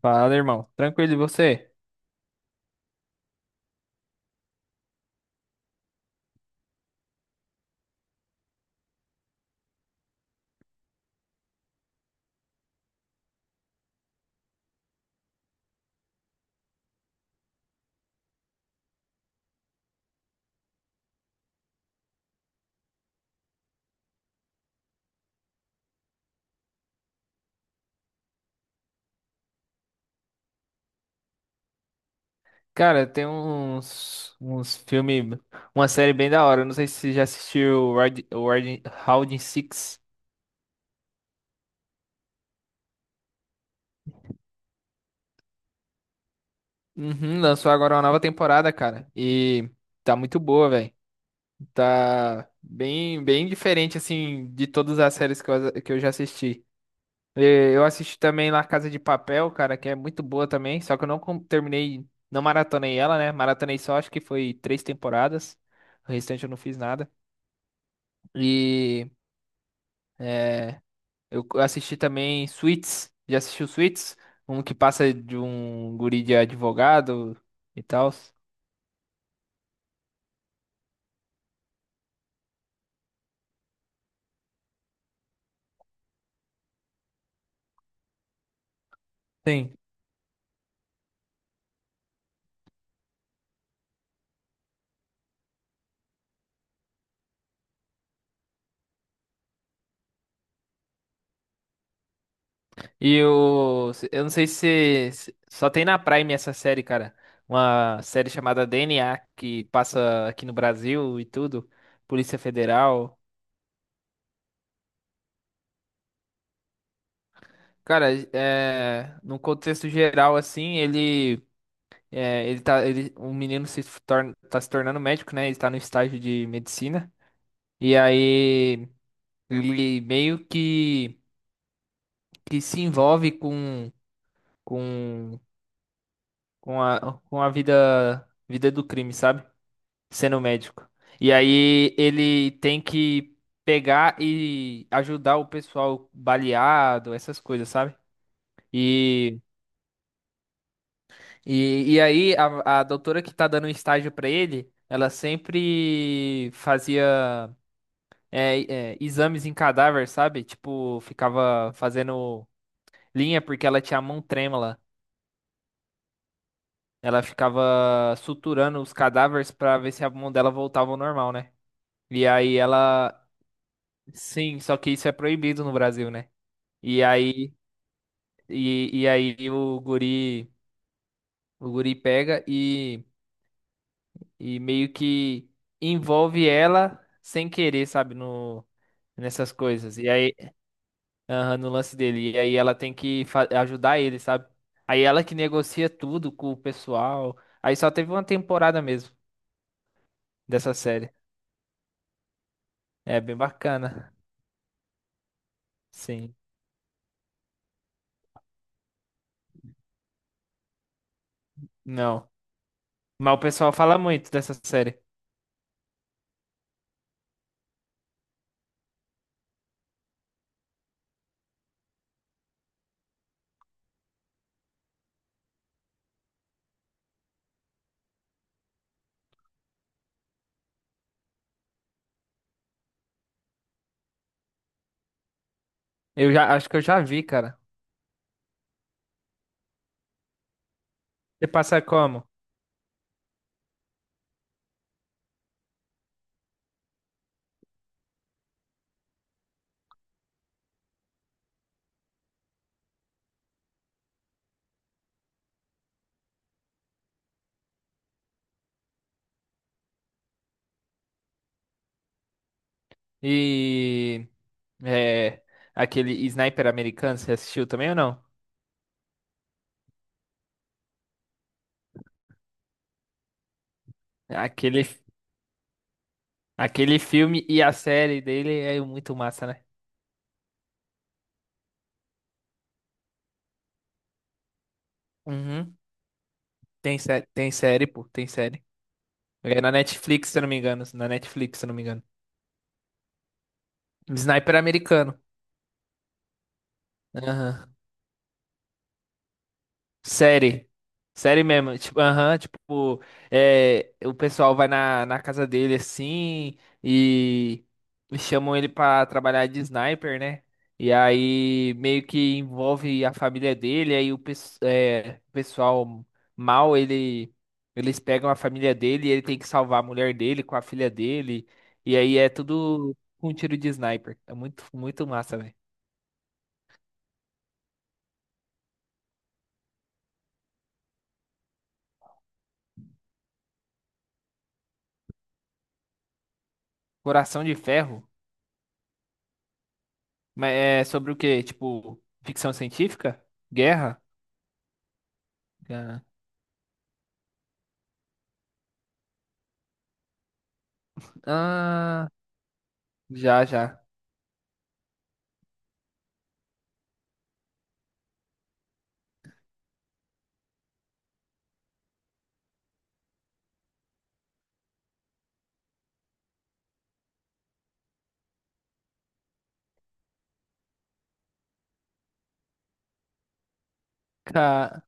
Fala, irmão. Tranquilo, e você? Cara, tem uns filmes, uma série bem da hora. Eu não sei se você já assistiu Round Six. Uhum, lançou agora uma nova temporada, cara. E tá muito boa, velho. Tá bem diferente, assim, de todas as séries que eu já assisti. E Eu assisti também La Casa de Papel, cara, que é muito boa também. Só que eu terminei, não maratonei ela, né? Maratonei só, acho que foi três temporadas. O restante eu não fiz nada. E. É, eu assisti também Suits. Já assistiu Suits? Um que passa de um guri de advogado e tal. Sim. Eu não sei se, só tem na Prime essa série, cara. Uma série chamada DNA que passa aqui no Brasil e tudo. Polícia Federal. Cara, num contexto geral, assim, ele, é, ele tá, ele, um menino se torna, tá se tornando médico, né? Ele tá no estágio de medicina. E aí ele que se envolve com, com a vida do crime, sabe? Sendo médico. E aí ele tem que pegar e ajudar o pessoal baleado, essas coisas, sabe? E e aí a doutora que tá dando estágio pra ele, ela sempre fazia exames em cadáver, sabe? Tipo, ficava fazendo linha porque ela tinha a mão trêmula. Ela ficava suturando os cadáveres pra ver se a mão dela voltava ao normal, né? E aí ela. Sim, só que isso é proibido no Brasil, né? E aí E, e aí o guri pega e. e meio que envolve ela sem querer, sabe? No, nessas coisas. E aí aham, no lance dele. E aí ela tem que ajudar ele, sabe? Aí ela que negocia tudo com o pessoal. Aí só teve uma temporada mesmo dessa série. É bem bacana. Sim. Não. Mas o pessoal fala muito dessa série. Eu já acho que eu já vi, cara. Você passa como? E é aquele Sniper americano, você assistiu também ou não? Aquele filme e a série dele é muito massa, né? Uhum. Tem série, pô, tem série. É na Netflix, se eu não me engano, na Netflix, se eu não me engano. Sniper americano. Aham. Série. Série mesmo. Tipo, aham, tipo, é, o pessoal vai na casa dele assim e e chamam ele pra trabalhar de sniper, né? E aí meio que envolve a família dele, aí o pessoal mal, ele, eles pegam a família dele e ele tem que salvar a mulher dele com a filha dele. E aí é tudo com um tiro de sniper. É muito, muito massa, velho. Coração de Ferro. Mas é sobre o quê? Tipo, ficção científica? Guerra? Guerra. Ah, já, já. Ca-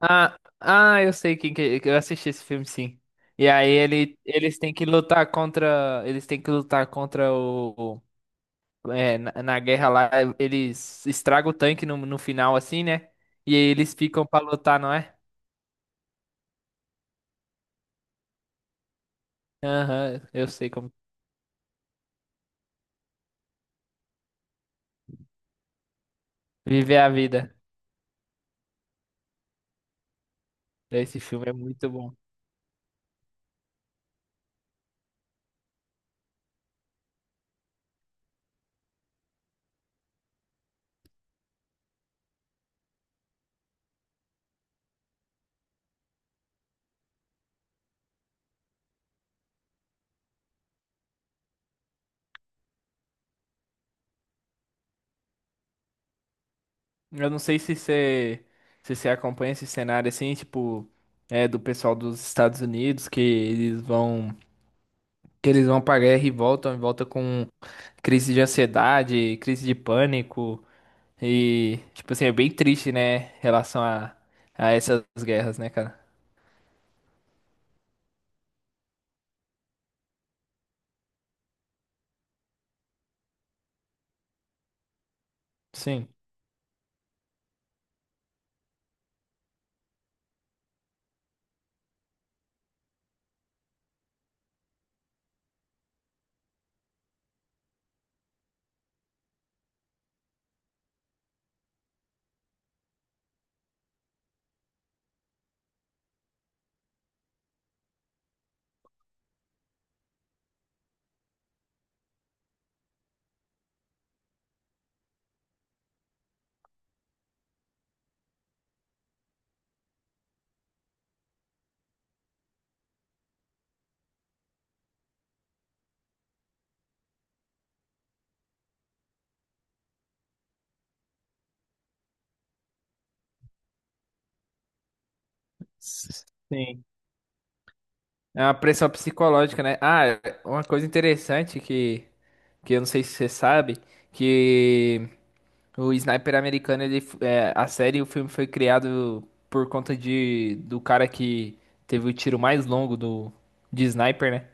Ah, ah, eu sei quem que eu assisti esse filme sim. E aí ele, eles têm que lutar contra o, é, na guerra lá, eles estragam o tanque no final assim, né? E aí eles ficam pra lutar, não é? Aham, eu sei como. Viver a vida. Esse filme é muito bom. Eu não sei se você acompanha esse cenário assim, tipo, é do pessoal dos Estados Unidos que eles vão pra guerra e voltam, e volta com crise de ansiedade, crise de pânico e tipo assim, é bem triste, né, em relação a essas guerras, né, cara? Sim. Sim. É uma pressão psicológica, né? Ah, uma coisa interessante que eu não sei se você sabe, que o Sniper americano, a série, o filme foi criado por conta de, do cara que teve o tiro mais longo do, de Sniper, né?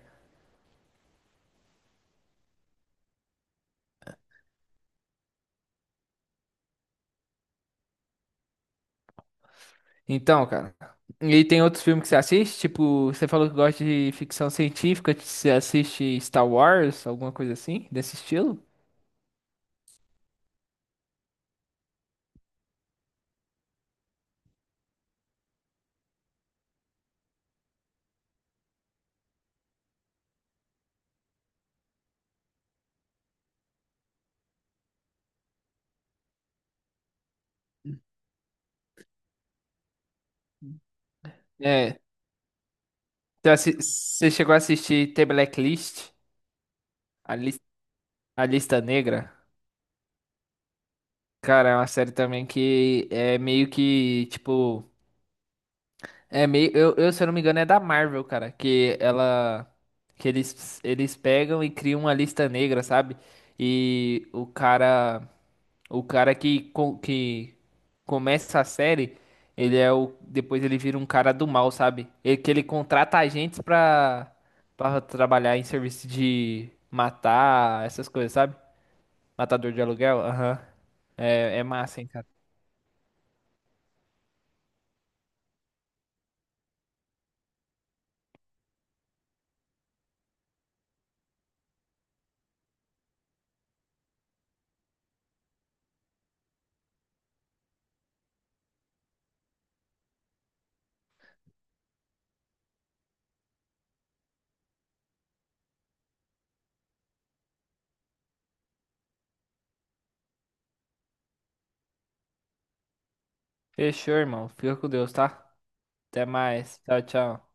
Então, cara. E tem outros filmes que você assiste? Tipo, você falou que gosta de ficção científica, você assiste Star Wars, alguma coisa assim, desse estilo? É. Você chegou a assistir The Blacklist, a, lis- a Lista Negra? Cara, é uma série também que é meio que, tipo. É meio, se eu não me engano, é da Marvel, cara, que eles pegam e criam uma lista negra, sabe? E o cara que, que começa a série, ele é o, depois ele vira um cara do mal, sabe? Ele, que ele contrata agentes pra trabalhar em serviço de matar, essas coisas, sabe? Matador de aluguel, aham. É, é massa, hein, cara. Fechou, irmão. Fica com Deus, tá? Até mais. Tchau, tchau.